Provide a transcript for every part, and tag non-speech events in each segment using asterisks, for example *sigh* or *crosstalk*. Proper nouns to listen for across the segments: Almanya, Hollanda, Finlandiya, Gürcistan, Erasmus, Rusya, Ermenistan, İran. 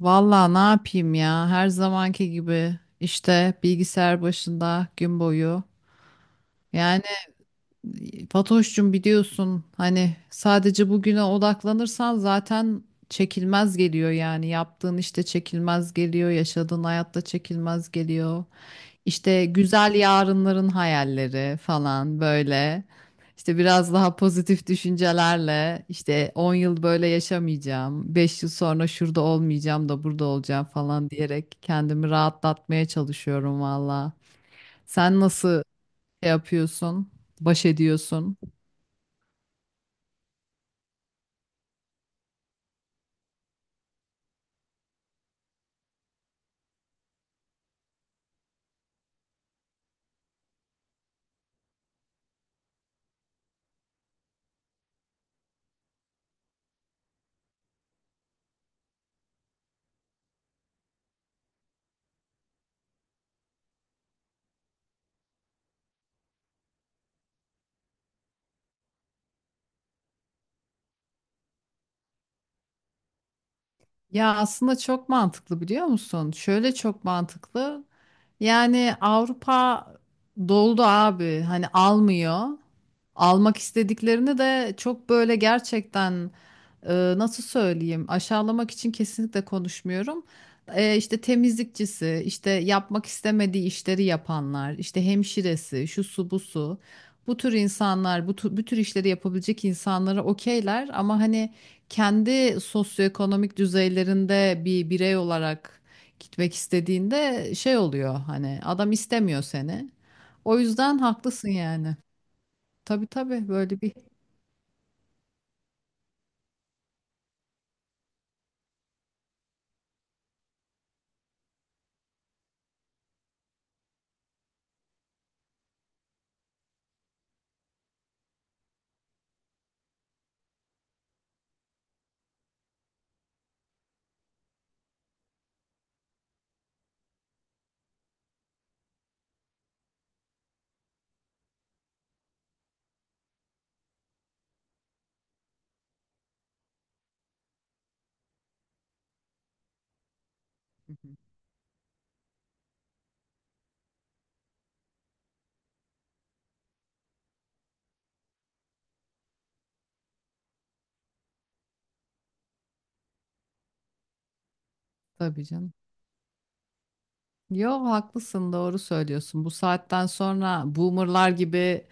Vallahi ne yapayım ya, her zamanki gibi işte bilgisayar başında gün boyu. Yani Fatoş'cum, biliyorsun hani sadece bugüne odaklanırsan zaten çekilmez geliyor, yani yaptığın işte çekilmez geliyor, yaşadığın hayatta çekilmez geliyor. İşte güzel yarınların hayalleri falan böyle. İşte biraz daha pozitif düşüncelerle, işte 10 yıl böyle yaşamayacağım, 5 yıl sonra şurada olmayacağım da burada olacağım falan diyerek kendimi rahatlatmaya çalışıyorum valla. Sen nasıl şey yapıyorsun, baş ediyorsun? Ya aslında çok mantıklı, biliyor musun? Şöyle çok mantıklı. Yani Avrupa doldu abi. Hani almıyor. Almak istediklerini de çok böyle gerçekten, nasıl söyleyeyim? Aşağılamak için kesinlikle konuşmuyorum. İşte temizlikçisi, işte yapmak istemediği işleri yapanlar, işte hemşiresi, şu su bu su. Bu tür insanlar, bu tür, bu tür işleri yapabilecek insanlara okeyler, ama hani kendi sosyoekonomik düzeylerinde bir birey olarak gitmek istediğinde şey oluyor, hani adam istemiyor seni. O yüzden haklısın yani. Tabii tabii, böyle bir. Hı hı. Tabii canım. Yok, haklısın, doğru söylüyorsun. Bu saatten sonra boomerlar gibi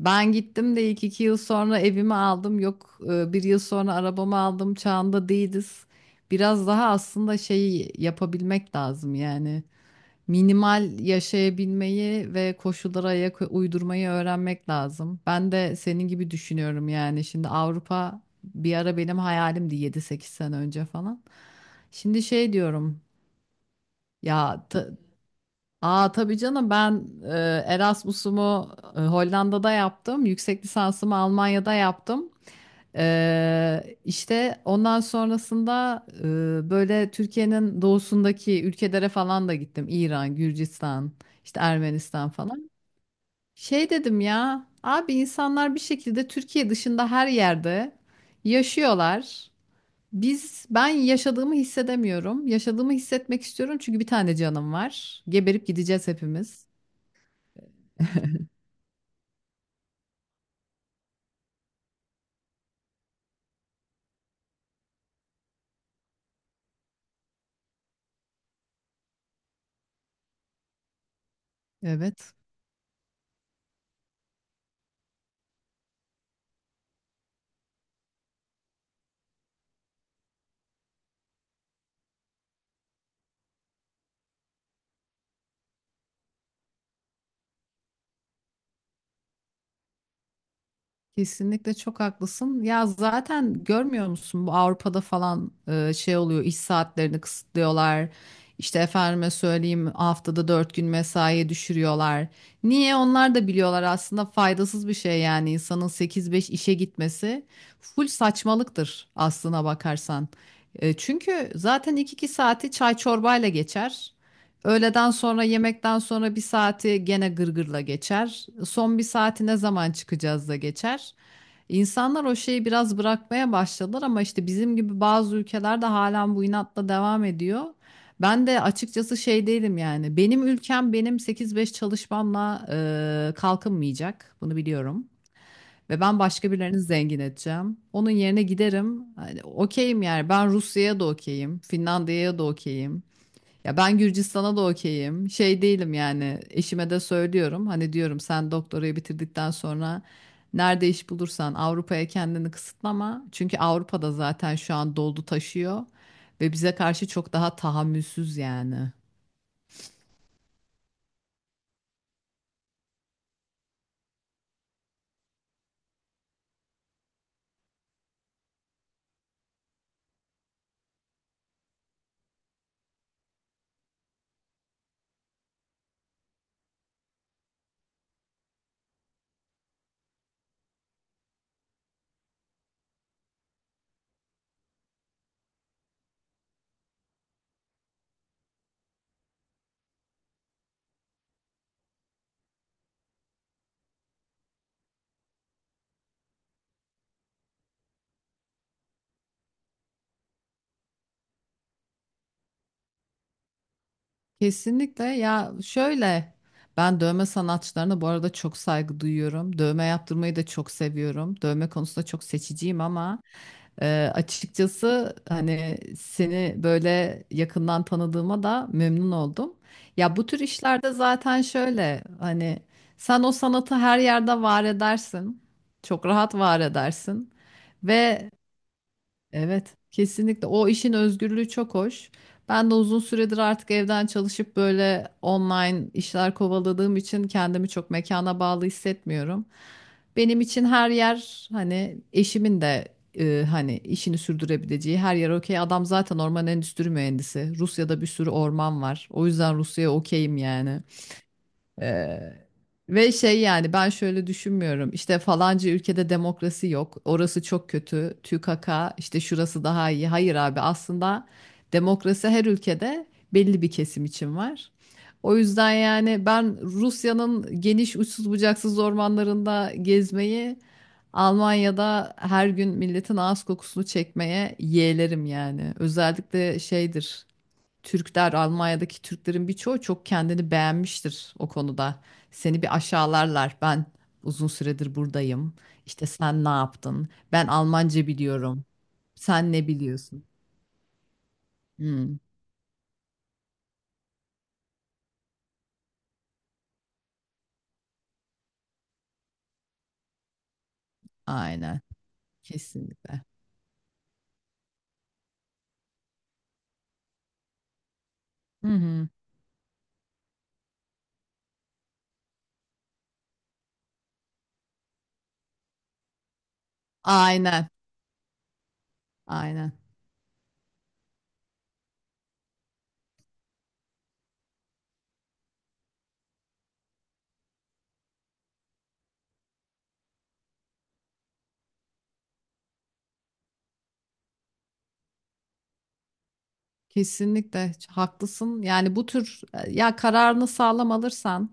ben gittim de ilk 2 yıl sonra evimi aldım, yok bir yıl sonra arabamı aldım çağında değiliz. Biraz daha aslında şeyi yapabilmek lazım yani. Minimal yaşayabilmeyi ve koşullara ayak uydurmayı öğrenmek lazım. Ben de senin gibi düşünüyorum yani. Şimdi Avrupa bir ara benim hayalimdi, 7-8 sene önce falan. Şimdi şey diyorum, ya ta, aa, tabii canım, ben Erasmus'umu Hollanda'da yaptım. Yüksek lisansımı Almanya'da yaptım. İşte ondan sonrasında böyle Türkiye'nin doğusundaki ülkelere falan da gittim. İran, Gürcistan, işte Ermenistan falan. Şey dedim ya, abi insanlar bir şekilde Türkiye dışında her yerde yaşıyorlar. Biz, ben yaşadığımı hissedemiyorum. Yaşadığımı hissetmek istiyorum çünkü bir tane canım var. Geberip gideceğiz hepimiz. Evet. Kesinlikle çok haklısın. Ya zaten görmüyor musun, bu Avrupa'da falan şey oluyor, iş saatlerini kısıtlıyorlar. İşte efendime söyleyeyim, haftada 4 gün mesaiye düşürüyorlar. Niye? Onlar da biliyorlar aslında faydasız bir şey, yani insanın 8-5 işe gitmesi full saçmalıktır aslına bakarsan. E, çünkü zaten iki saati çay çorbayla geçer. Öğleden sonra yemekten sonra bir saati gene gırgırla geçer. Son bir saati ne zaman çıkacağız da geçer. İnsanlar o şeyi biraz bırakmaya başladılar ama işte bizim gibi bazı ülkelerde halen bu inatla devam ediyor. Ben de açıkçası şey değilim yani. Benim ülkem benim 8-5 çalışmamla kalkınmayacak. Bunu biliyorum. Ve ben başka birilerini zengin edeceğim. Onun yerine giderim. Hani okeyim yani. Ben Rusya'ya da okeyim. Finlandiya'ya da okeyim. Ya ben Gürcistan'a da okeyim. Şey değilim yani, eşime de söylüyorum. Hani diyorum, sen doktorayı bitirdikten sonra nerede iş bulursan Avrupa'ya kendini kısıtlama. Çünkü Avrupa'da zaten şu an doldu taşıyor ve bize karşı çok daha tahammülsüz yani. Kesinlikle, ya şöyle, ben dövme sanatçılarına bu arada çok saygı duyuyorum. Dövme yaptırmayı da çok seviyorum. Dövme konusunda çok seçiciyim, ama açıkçası hani seni böyle yakından tanıdığıma da memnun oldum. Ya bu tür işlerde zaten şöyle hani sen o sanatı her yerde var edersin. Çok rahat var edersin. Ve evet, kesinlikle. O işin özgürlüğü çok hoş. Ben de uzun süredir artık evden çalışıp böyle online işler kovaladığım için kendimi çok mekana bağlı hissetmiyorum. Benim için her yer, hani eşimin de hani işini sürdürebileceği her yer okey. Adam zaten orman endüstri mühendisi. Rusya'da bir sürü orman var. O yüzden Rusya'ya okeyim yani. Ee, ve şey, yani ben şöyle düşünmüyorum. İşte falanca ülkede demokrasi yok. Orası çok kötü. TÜKAKA, işte şurası daha iyi. Hayır abi, aslında demokrasi her ülkede belli bir kesim için var. O yüzden yani ben Rusya'nın geniş, uçsuz bucaksız ormanlarında gezmeyi Almanya'da her gün milletin ağız kokusunu çekmeye yeğlerim yani. Özellikle şeydir. Türkler, Almanya'daki Türklerin birçoğu çok kendini beğenmiştir o konuda. Seni bir aşağılarlar. Ben uzun süredir buradayım. İşte sen ne yaptın? Ben Almanca biliyorum. Sen ne biliyorsun? Hmm, aynen. Kesinlikle. Hı hı. Aynen. Aynen. Kesinlikle haklısın. Yani bu tür ya kararını sağlam alırsan,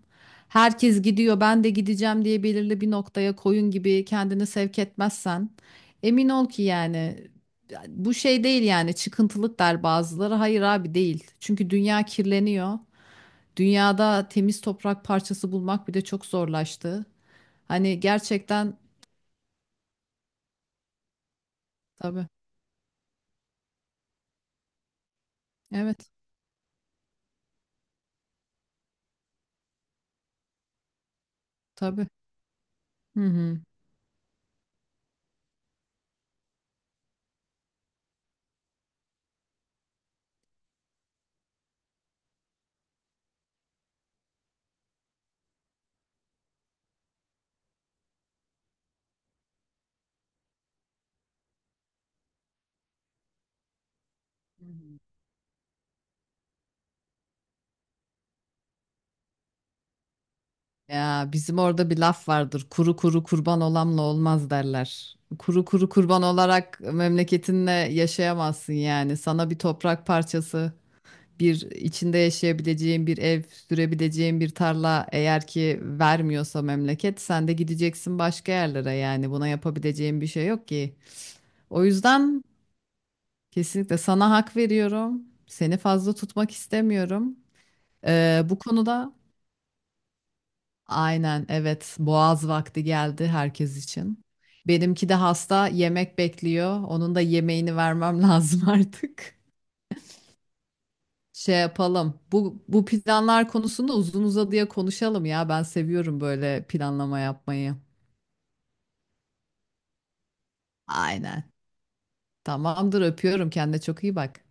herkes gidiyor ben de gideceğim diye belirli bir noktaya koyun gibi kendini sevk etmezsen, emin ol ki yani bu şey değil yani, çıkıntılık der bazıları. Hayır abi, değil. Çünkü dünya kirleniyor. Dünyada temiz toprak parçası bulmak bile çok zorlaştı. Hani gerçekten, tabii. Evet, tabii. Hı hı. Ya bizim orada bir laf vardır. Kuru kuru kurban olanla olmaz derler. Kuru kuru kurban olarak memleketinle yaşayamazsın yani. Sana bir toprak parçası, bir içinde yaşayabileceğin bir ev, sürebileceğin bir tarla eğer ki vermiyorsa memleket, sen de gideceksin başka yerlere yani. Buna yapabileceğin bir şey yok ki. O yüzden kesinlikle sana hak veriyorum. Seni fazla tutmak istemiyorum. Bu konuda, aynen, evet, boğaz vakti geldi herkes için. Benimki de hasta, yemek bekliyor. Onun da yemeğini vermem lazım *laughs* artık. Şey yapalım. Bu planlar konusunda uzun uzadıya konuşalım ya. Ben seviyorum böyle planlama yapmayı. Aynen. Tamamdır, öpüyorum. Kendine çok iyi bak.